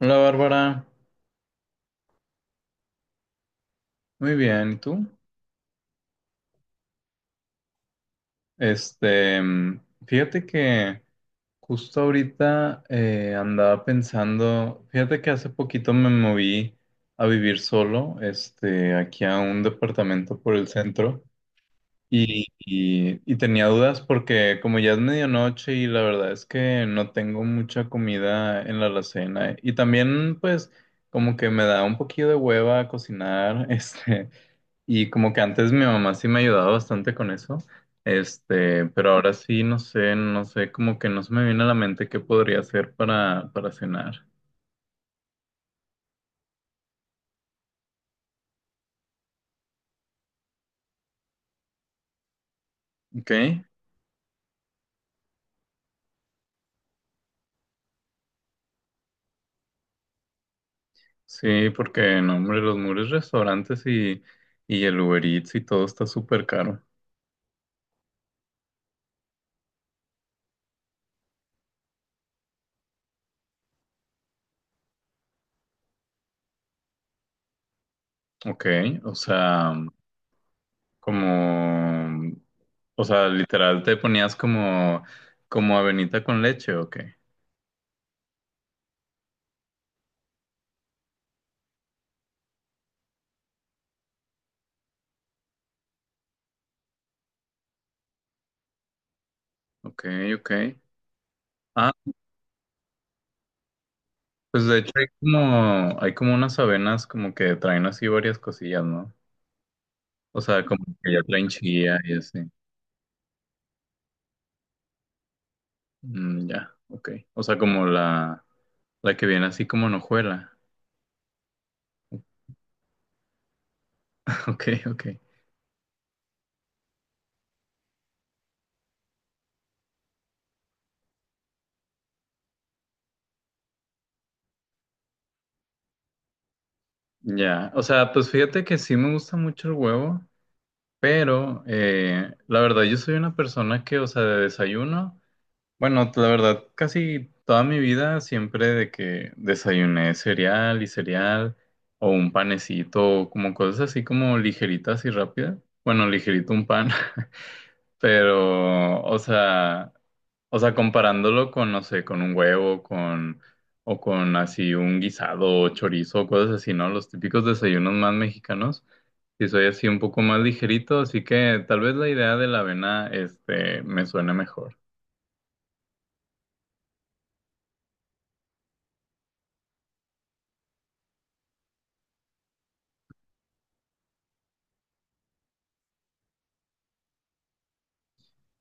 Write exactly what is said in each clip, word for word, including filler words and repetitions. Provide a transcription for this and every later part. Hola Bárbara, muy bien, ¿y tú? Este, mm, fíjate que justo ahorita eh, andaba pensando, fíjate que hace poquito me moví a vivir solo, este, aquí a un departamento por el centro y, y- y tenía dudas porque como ya es medianoche y la verdad es que no tengo mucha comida en la alacena y también pues como que me da un poquito de hueva cocinar, este. Y como que antes mi mamá sí me ayudaba bastante con eso, este, pero ahora sí no sé, no sé, como que no se me viene a la mente qué podría hacer para, para cenar. ¿Ok? Sí, porque no, hombre, los muros restaurantes y, y el Uber Eats y todo está súper caro. Ok, o sea, como, o sea, literal te ponías como, como avenita con leche, ok, ok, ok. Pues de hecho hay como, hay como unas avenas como que traen así varias cosillas, ¿no? O sea, como que ya traen chía y así. Mm, ya, ok. O sea, como la, la que viene así como en hojuela. Ok, ok. Ya, o sea, pues fíjate que sí me gusta mucho el huevo, pero eh, la verdad yo soy una persona que, o sea, de desayuno. Bueno, la verdad, casi toda mi vida siempre de que desayuné cereal y cereal o un panecito, como cosas así como ligeritas y rápidas. Bueno, ligerito un pan, pero, o sea, o sea, comparándolo con, no sé, con un huevo, con, o con así un guisado o chorizo, o cosas así, ¿no? Los típicos desayunos más mexicanos. Sí, soy así un poco más ligerito, así que tal vez la idea de la avena, este, me suene mejor.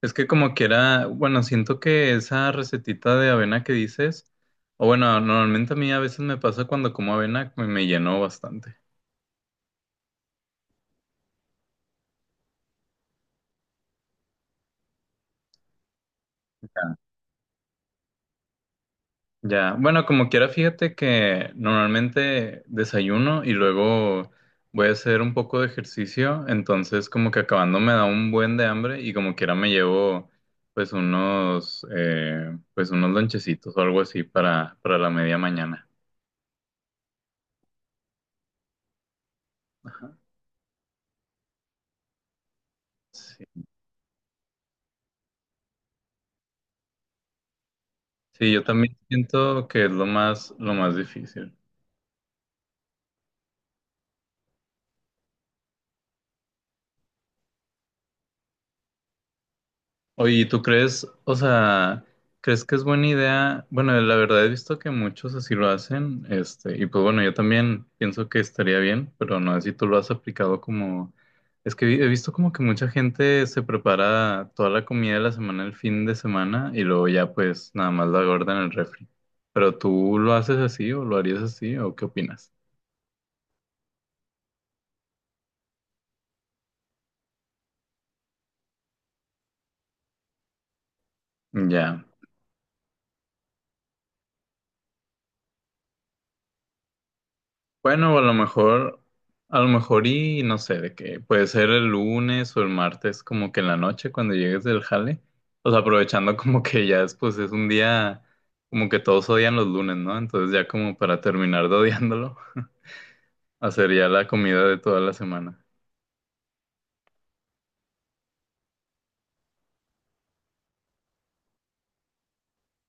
Es que como quiera, bueno, siento que esa recetita de avena que dices, o bueno, normalmente a mí a veces me pasa cuando como avena, me, me llenó bastante. Ya. Ya, bueno, como quiera, fíjate que normalmente desayuno y luego voy a hacer un poco de ejercicio, entonces como que acabando me da un buen de hambre y como quiera me llevo pues unos, eh, pues unos lonchecitos o algo así para, para la media mañana. Sí, sí, yo también siento que es lo más, lo más difícil. Oye, ¿y ¿tú crees, o sea, ¿crees que es buena idea? Bueno, la verdad he visto que muchos así lo hacen, este, y pues bueno, yo también pienso que estaría bien, pero no sé si tú lo has aplicado como, es que vi- he visto como que mucha gente se prepara toda la comida de la semana el fin de semana y luego ya pues nada más la guarda en el refri. ¿Pero tú lo haces así o lo harías así o qué opinas? Ya. Bueno, a lo mejor, a lo mejor y no sé, de que puede ser el lunes o el martes, como que en la noche cuando llegues del jale, o sea, aprovechando como que ya es, pues es un día como que todos odian los lunes, ¿no? Entonces ya como para terminar de odiándolo, hacer ya la comida de toda la semana.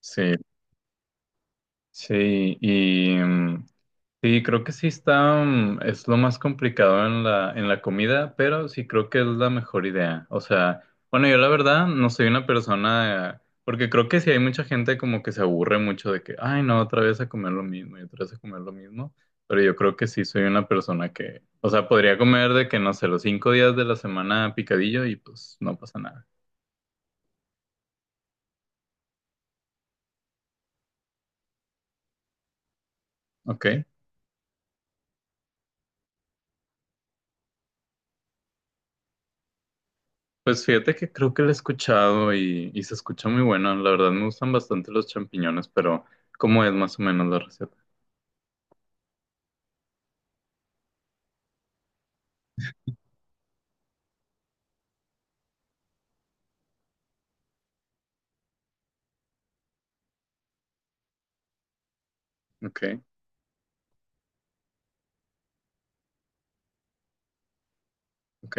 Sí, sí, y, mm, sí, creo que sí está, mm, es lo más complicado en la, en la comida, pero sí creo que es la mejor idea. O sea, bueno, yo la verdad no soy una persona, porque creo que sí hay mucha gente como que se aburre mucho de que, ay, no, otra vez a comer lo mismo y otra vez a comer lo mismo, pero yo creo que sí soy una persona que, o sea, podría comer de que, no sé, los cinco días de la semana picadillo y pues no pasa nada. ¿Ok? Pues fíjate que creo que la he escuchado y, y se escucha muy buena. La verdad me gustan bastante los champiñones, pero ¿cómo es más o menos la receta? Ok, ok.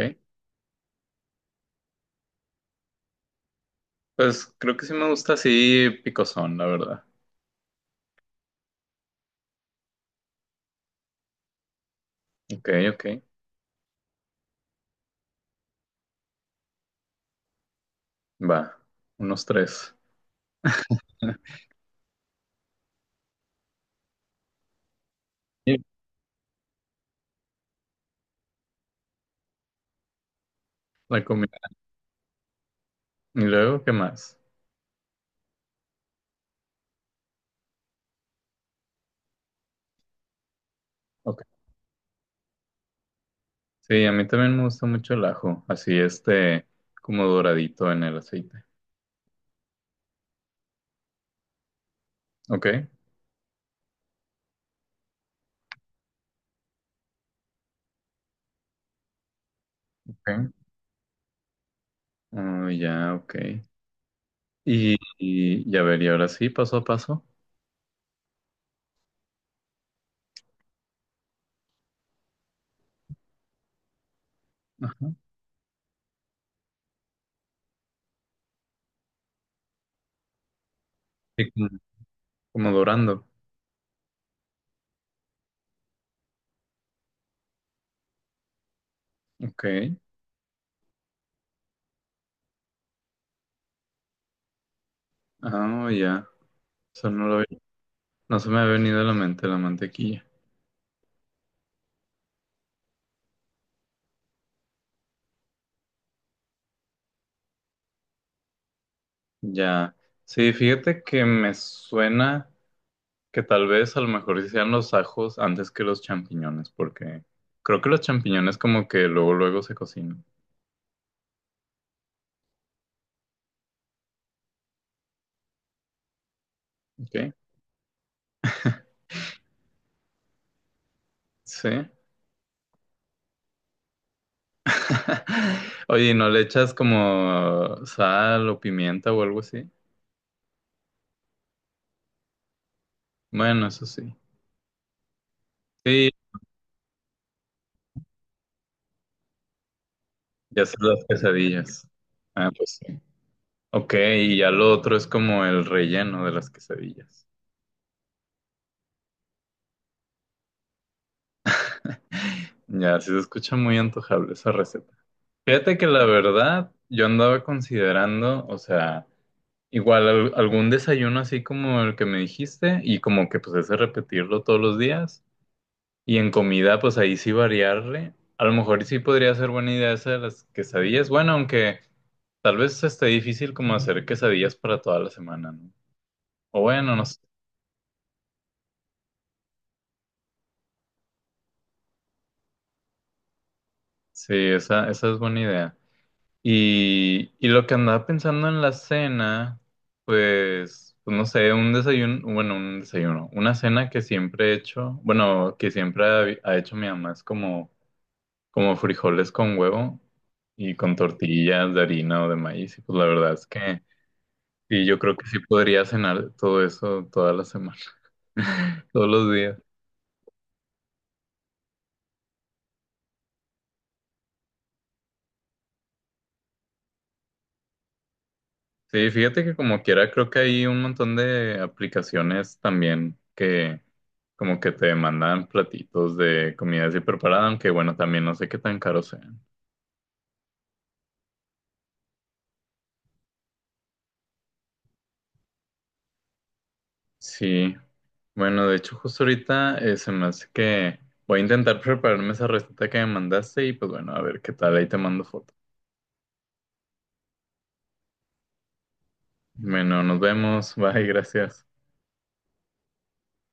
Pues creo que sí me gusta así picosón, la verdad. Ok, ok. Va, unos tres. Y la comida. ¿Y luego qué más? Ok. Sí, a mí también me gusta mucho el ajo, así este como doradito en el aceite. Ok, ok. Oh, ya, ok. Y, y ya ver, y ahora sí, paso a paso. Ajá. Sí, como dorando. Ok. Ah, ya. Eso no lo vi. No se me ha venido a la mente la mantequilla. Ya. Sí, fíjate que me suena que tal vez a lo mejor sí sean los ajos antes que los champiñones, porque creo que los champiñones como que luego luego se cocinan. Ok. Sí. Oye, ¿y ¿no le echas como sal o pimienta o algo así? Bueno, eso sí. Sí, ya haces las quesadillas. Ah, pues sí. Ok, y ya lo otro es como el relleno de las quesadillas. Ya, sí se escucha muy antojable esa receta. Fíjate que la verdad, yo andaba considerando, o sea, igual al- algún desayuno así como el que me dijiste, y como que pues ese repetirlo todos los días, y en comida pues ahí sí variarle. A lo mejor sí podría ser buena idea esa de las quesadillas. Bueno, aunque tal vez esté difícil como hacer quesadillas para toda la semana, ¿no? O bueno, no sé. Sí, esa, esa es buena idea. Y, y lo que andaba pensando en la cena, pues, pues no sé, un desayuno, bueno, un desayuno, una cena que siempre he hecho, bueno, que siempre ha, ha hecho mi mamá es como, como frijoles con huevo y con tortillas de harina o de maíz. Y pues la verdad es que sí, yo creo que sí podría cenar todo eso toda la semana, todos los días. Sí, fíjate que como quiera, creo que hay un montón de aplicaciones también que como que te mandan platitos de comida así preparada, aunque bueno, también no sé qué tan caros sean. Sí, bueno, de hecho justo ahorita eh, se me hace que voy a intentar prepararme esa receta que me mandaste y pues bueno, a ver qué tal, ahí te mando foto. Bueno, nos vemos, bye, gracias.